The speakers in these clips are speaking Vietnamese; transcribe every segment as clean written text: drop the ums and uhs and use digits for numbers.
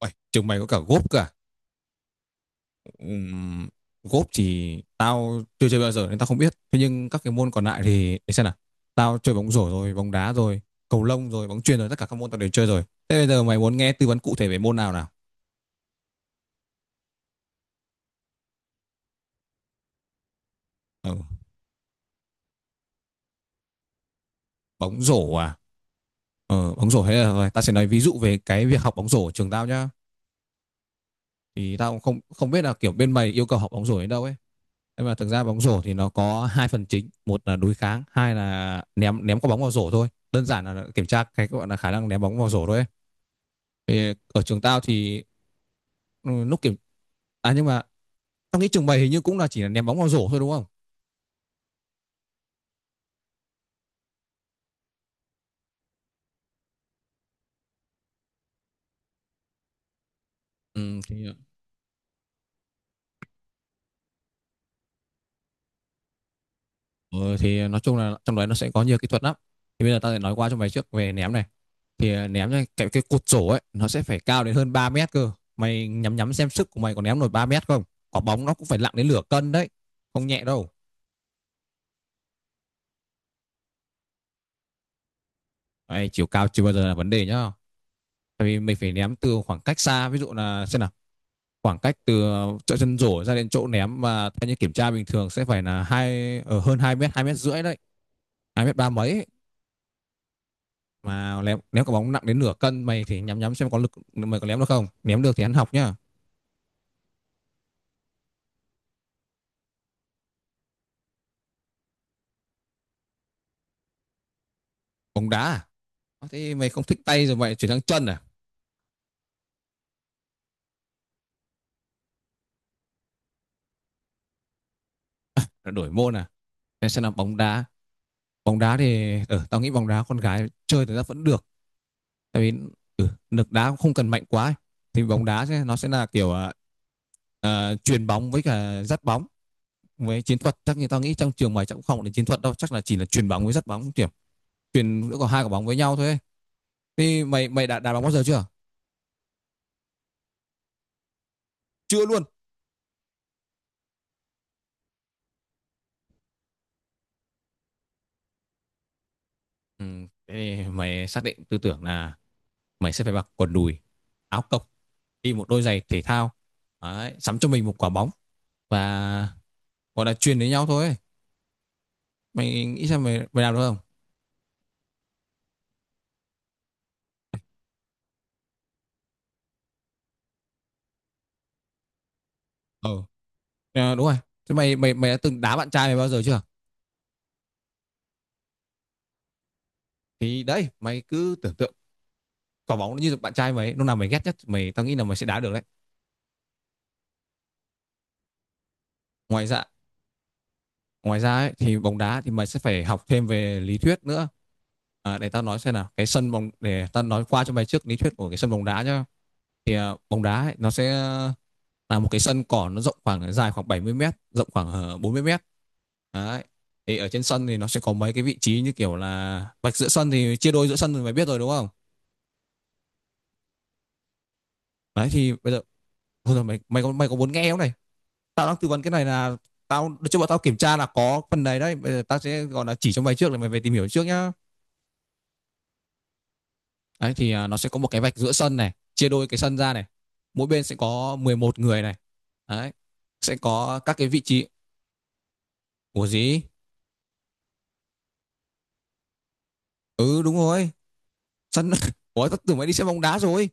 Uầy, trường mày có cả gốp cả. Ừm, Gốp thì tao chưa chơi bao giờ nên tao không biết. Thế nhưng các cái môn còn lại thì để xem nào. Tao chơi bóng rổ rồi, bóng đá rồi, cầu lông rồi, bóng chuyền rồi, tất cả các môn tao đều chơi rồi. Thế bây giờ mày muốn nghe tư vấn cụ thể về môn nào nào? Ờ, bóng rổ à? Ờ, bóng rổ hay là rồi, tao sẽ nói ví dụ về cái việc học bóng rổ ở trường tao nhá. Thì tao cũng không không biết là kiểu bên mày yêu cầu học bóng rổ đến đâu ấy, nhưng mà thực ra bóng rổ thì nó có hai phần chính, một là đối kháng, hai là ném ném quả bóng vào rổ thôi, đơn giản là kiểm tra cái gọi là khả năng ném bóng vào rổ thôi ấy. Thì ở trường tao thì ừ, lúc kiểm à nhưng mà tao nghĩ trường mày hình như cũng là chỉ là ném bóng vào rổ thôi đúng không. Ừ, thì, ừ, thì nói chung là trong đấy nó sẽ có nhiều kỹ thuật lắm. Thì bây giờ tao sẽ nói qua cho mày trước về ném này. Thì ném ra cái cột sổ ấy nó sẽ phải cao đến hơn 3 mét cơ. Mày nhắm nhắm xem sức của mày có ném nổi 3 mét không. Quả bóng nó cũng phải nặng đến nửa cân đấy, không nhẹ đâu. Đấy, chiều cao chưa bao giờ là vấn đề nhá, tại vì mình phải ném từ khoảng cách xa, ví dụ là xem nào, khoảng cách từ chỗ chân rổ ra đến chỗ ném mà theo như kiểm tra bình thường sẽ phải là hai ở hơn 2 mét, 2 mét rưỡi đấy, 2 mét ba mấy ấy. Mà ném ném quả bóng nặng đến nửa cân, mày thì nhắm nhắm xem có lực, mày có ném được không, ném được thì ăn học nhá. Bóng đá à? Thế mày không thích tay rồi mày chuyển sang chân à? Đổi môn à? Thế sẽ là bóng đá. Bóng đá thì tao nghĩ bóng đá con gái chơi thì ra vẫn được, tại vì lực đá cũng không cần mạnh quá ấy. Thì bóng đá sẽ, nó sẽ là kiểu chuyền bóng với cả dắt bóng với chiến thuật. Chắc như tao nghĩ trong trường mày chắc cũng không đến chiến thuật đâu, chắc là chỉ là chuyền bóng với dắt bóng kiểu chuyền giữa có hai quả bóng với nhau thôi ấy. Thì mày mày đã đá bóng bao giờ chưa? Chưa luôn. Ừ, thế thì mày xác định tư tưởng là mày sẽ phải mặc quần đùi, áo cộc, đi một đôi giày thể thao. Đấy, sắm cho mình một quả bóng và gọi là truyền với nhau thôi ấy. Mày nghĩ xem mày mày làm được không. Ờ, à, đúng rồi. Thế mày mày mày đã từng đá bạn trai mày bao giờ chưa? Thì đấy, mày cứ tưởng tượng quả bóng nó như bạn trai mày ấy, lúc nào mày ghét nhất mày, tao nghĩ là mày sẽ đá được đấy. Ngoài ra ngoài ra ấy, thì bóng đá thì mày sẽ phải học thêm về lý thuyết nữa. À, để tao nói xem nào, cái sân bóng, để tao nói qua cho mày trước lý thuyết của cái sân bóng đá nhá. Thì bóng đá ấy, nó sẽ là một cái sân cỏ, nó rộng khoảng dài khoảng 70 mét, rộng khoảng 40 mét. Đấy, thì ở trên sân thì nó sẽ có mấy cái vị trí như kiểu là vạch giữa sân thì chia đôi giữa sân thì mày biết rồi đúng không. Đấy, thì bây giờ, thôi rồi, mày mày có muốn nghe không này? Tao đang tư vấn cái này là tao cho bọn tao kiểm tra là có phần này đấy, bây giờ tao sẽ gọi là chỉ cho mày trước để mày về tìm hiểu trước nhá. Đấy thì nó sẽ có một cái vạch giữa sân này, chia đôi cái sân ra này, mỗi bên sẽ có 11 người này. Đấy, sẽ có các cái vị trí của gì. Ừ đúng rồi, sân ủa, tao tưởng mày đi xem bóng đá rồi.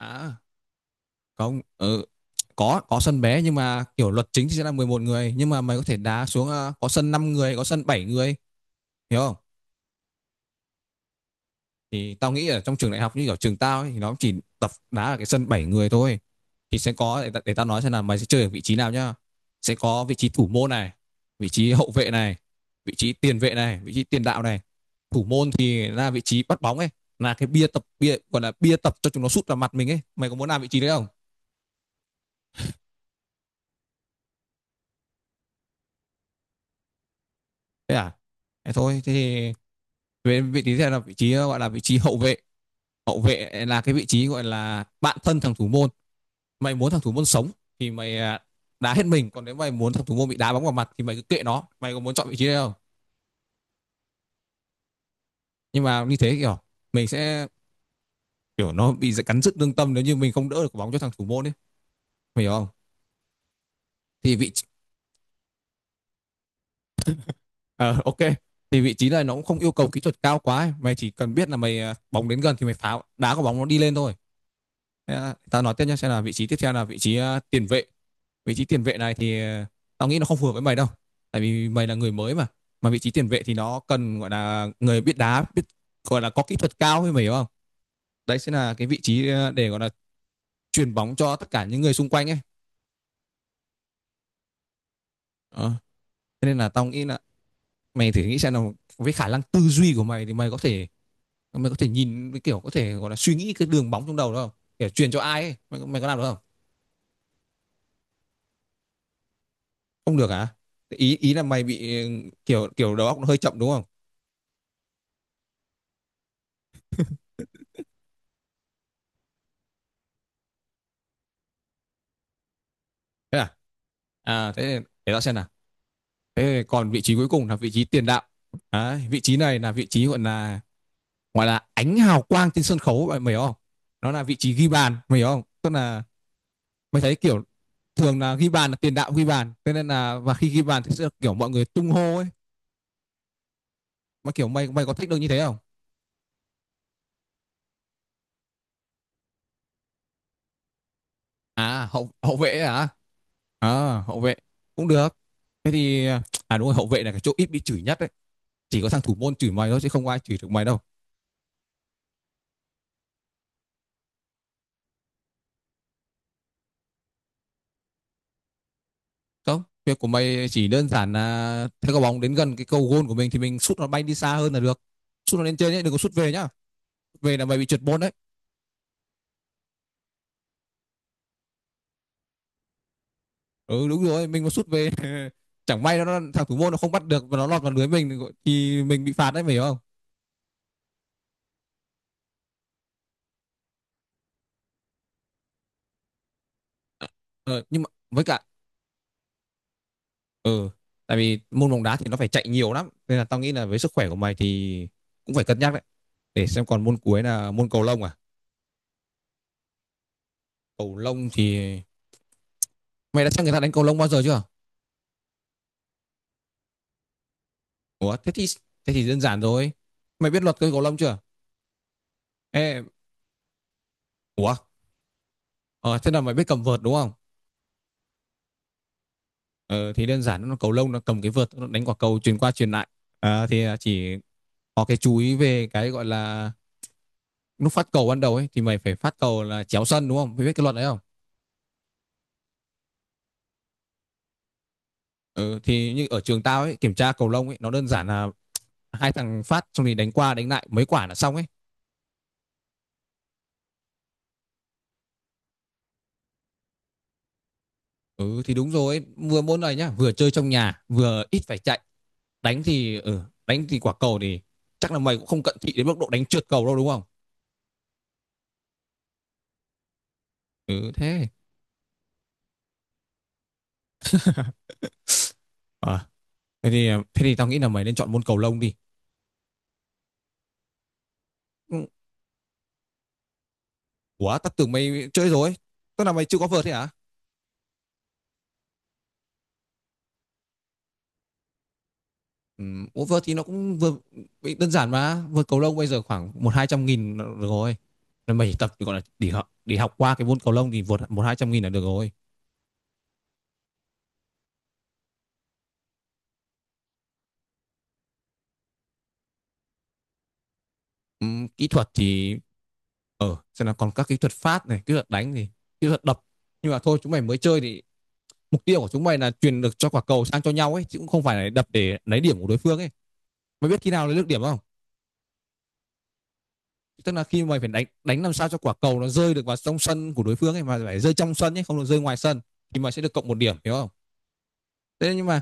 À không, có sân bé, nhưng mà kiểu luật chính thì sẽ là 11 người, nhưng mà mày có thể đá xuống có sân 5 người, có sân 7 người, hiểu không. Thì tao nghĩ ở trong trường đại học như ở trường tao ấy, thì nó chỉ tập đá ở cái sân 7 người thôi. Thì sẽ có, để tao nói xem là mày sẽ chơi ở vị trí nào nhá. Sẽ có vị trí thủ môn này, vị trí hậu vệ này, vị trí tiền vệ này, vị trí tiền đạo này. Thủ môn thì là vị trí bắt bóng ấy, là cái bia tập, bia gọi là bia tập cho chúng nó sút vào mặt mình ấy, mày có muốn làm vị trí đấy không? Thế à, thế thôi, thế thì về vị trí, thế là vị trí gọi là vị trí hậu vệ. Hậu vệ là cái vị trí gọi là bạn thân thằng thủ môn. Mày muốn thằng thủ môn sống thì mày đá hết mình, còn nếu mày muốn thằng thủ môn bị đá bóng vào mặt thì mày cứ kệ nó. Mày có muốn chọn vị trí đấy không? Nhưng mà như thế kiểu mình sẽ, kiểu nó bị cắn rứt lương tâm nếu như mình không đỡ được bóng cho thằng thủ môn ấy, mày hiểu không? Thì vị Ờ, ok. Thì vị trí này nó cũng không yêu cầu kỹ thuật cao quá ấy. Mày chỉ cần biết là mày bóng đến gần thì mày phá, đá quả bóng nó đi lên thôi. Thế, tao nói tiếp nhé, xem là vị trí tiếp theo là vị trí tiền vệ. Vị trí tiền vệ này thì tao nghĩ nó không phù hợp với mày đâu, tại vì mày là người mới mà vị trí tiền vệ thì nó cần gọi là người biết đá, biết gọi là có kỹ thuật cao ấy, mày hiểu không. Đấy sẽ là cái vị trí để gọi là truyền bóng cho tất cả những người xung quanh ấy. Ờ, thế nên là tao nghĩ là mày thử nghĩ xem là với khả năng tư duy của mày thì mày có thể nhìn cái kiểu, có thể gọi là suy nghĩ cái đường bóng trong đầu đó không, kiểu truyền cho ai ấy, mày, mày có làm được không? Không được hả? Ý ý là mày bị kiểu kiểu đầu óc nó hơi chậm đúng không? Thế à thế để tao xem nào. Thế còn vị trí cuối cùng là vị trí tiền đạo. Đấy, vị trí này là vị trí gọi là ánh hào quang trên sân khấu bạn, mày hiểu không? Nó là vị trí ghi bàn, mày hiểu không? Tức là mày thấy kiểu thường là ghi bàn là tiền đạo ghi bàn, thế nên là và khi ghi bàn thì sẽ kiểu mọi người tung hô ấy. Mà kiểu mày mày có thích được như thế không? À hậu hậu vệ hả? À hậu vệ cũng được. Thế thì à đúng rồi, hậu vệ là cái chỗ ít bị chửi nhất đấy. Chỉ có thằng thủ môn chửi mày thôi chứ không ai chửi được mày đâu. Không, việc của mày chỉ đơn giản là thấy quả bóng đến gần cái cầu goal của mình thì mình sút nó bay đi xa hơn là được. Sút nó lên trên nhé, đừng có sút về nhá. Về là mày bị trượt môn đấy. Ừ đúng rồi, mình mà sút về chẳng may nó, thằng thủ môn nó không bắt được và nó lọt vào lưới mình thì mình bị phạt đấy, mày hiểu không? Ờ, nhưng mà với cả ừ tại vì môn bóng đá thì nó phải chạy nhiều lắm nên là tao nghĩ là với sức khỏe của mày thì cũng phải cân nhắc đấy. Để xem, còn môn cuối là môn cầu lông à. Cầu lông thì mày đã xem người ta đánh cầu lông bao giờ chưa? Ủa thế thì, thế thì đơn giản rồi, mày biết luật chơi cầu lông chưa? Ê, ủa, ờ, thế là mày biết cầm vợt đúng không? Ờ, thì đơn giản, nó cầu lông nó cầm cái vợt nó đánh quả cầu truyền qua truyền lại. À, thì chỉ có cái chú ý về cái gọi là lúc phát cầu ban đầu ấy thì mày phải phát cầu là chéo sân đúng không? Mày biết cái luật đấy không? Ừ, thì như ở trường tao ấy, kiểm tra cầu lông ấy nó đơn giản là hai thằng phát xong thì đánh qua đánh lại mấy quả là xong ấy. Ừ thì đúng rồi ấy, vừa môn này nhá, vừa chơi trong nhà, vừa ít phải chạy. Đánh thì ừ, đánh thì quả cầu thì chắc là mày cũng không cận thị đến mức độ đánh trượt cầu đâu đúng không? Ừ thế. Ờ, thế thì tao nghĩ là mày nên chọn môn cầu lông đi. Ừ, ủa, tao tưởng mày chơi rồi. Tức là mày chưa có vợt thế hả? Ừ, ủa, vợt thì nó cũng vừa đơn giản mà. Vợt cầu lông bây giờ khoảng một hai trăm nghìn là được rồi. Nên mày chỉ tập gọi là để học qua cái môn cầu lông thì vượt một hai trăm nghìn là được rồi. Ừ, kỹ thuật thì xem là còn các kỹ thuật phát này, kỹ thuật đánh thì kỹ thuật đập. Nhưng mà thôi, chúng mày mới chơi thì mục tiêu của chúng mày là truyền được cho quả cầu sang cho nhau ấy, chứ cũng không phải là đập để lấy điểm của đối phương ấy. Mày biết khi nào lấy được điểm không? Tức là khi mày phải đánh, đánh làm sao cho quả cầu nó rơi được vào trong sân của đối phương ấy, mà phải rơi trong sân ấy, không được rơi ngoài sân, thì mày sẽ được cộng một điểm, hiểu không. Thế nhưng mà,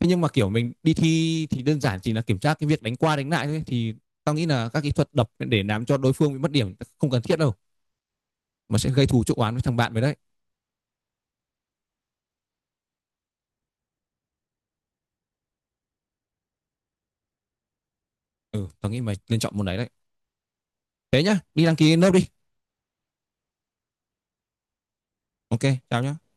thế nhưng mà kiểu mình đi thi thì đơn giản chỉ là kiểm tra cái việc đánh qua đánh lại thôi, thì tao nghĩ là các kỹ thuật đập để làm cho đối phương bị mất điểm không cần thiết đâu, mà sẽ gây thù chuốc oán với thằng bạn mới đấy. Ừ, tao nghĩ mày nên chọn môn đấy đấy, thế nhá, đi đăng ký lớp đi. Ok, chào nhá.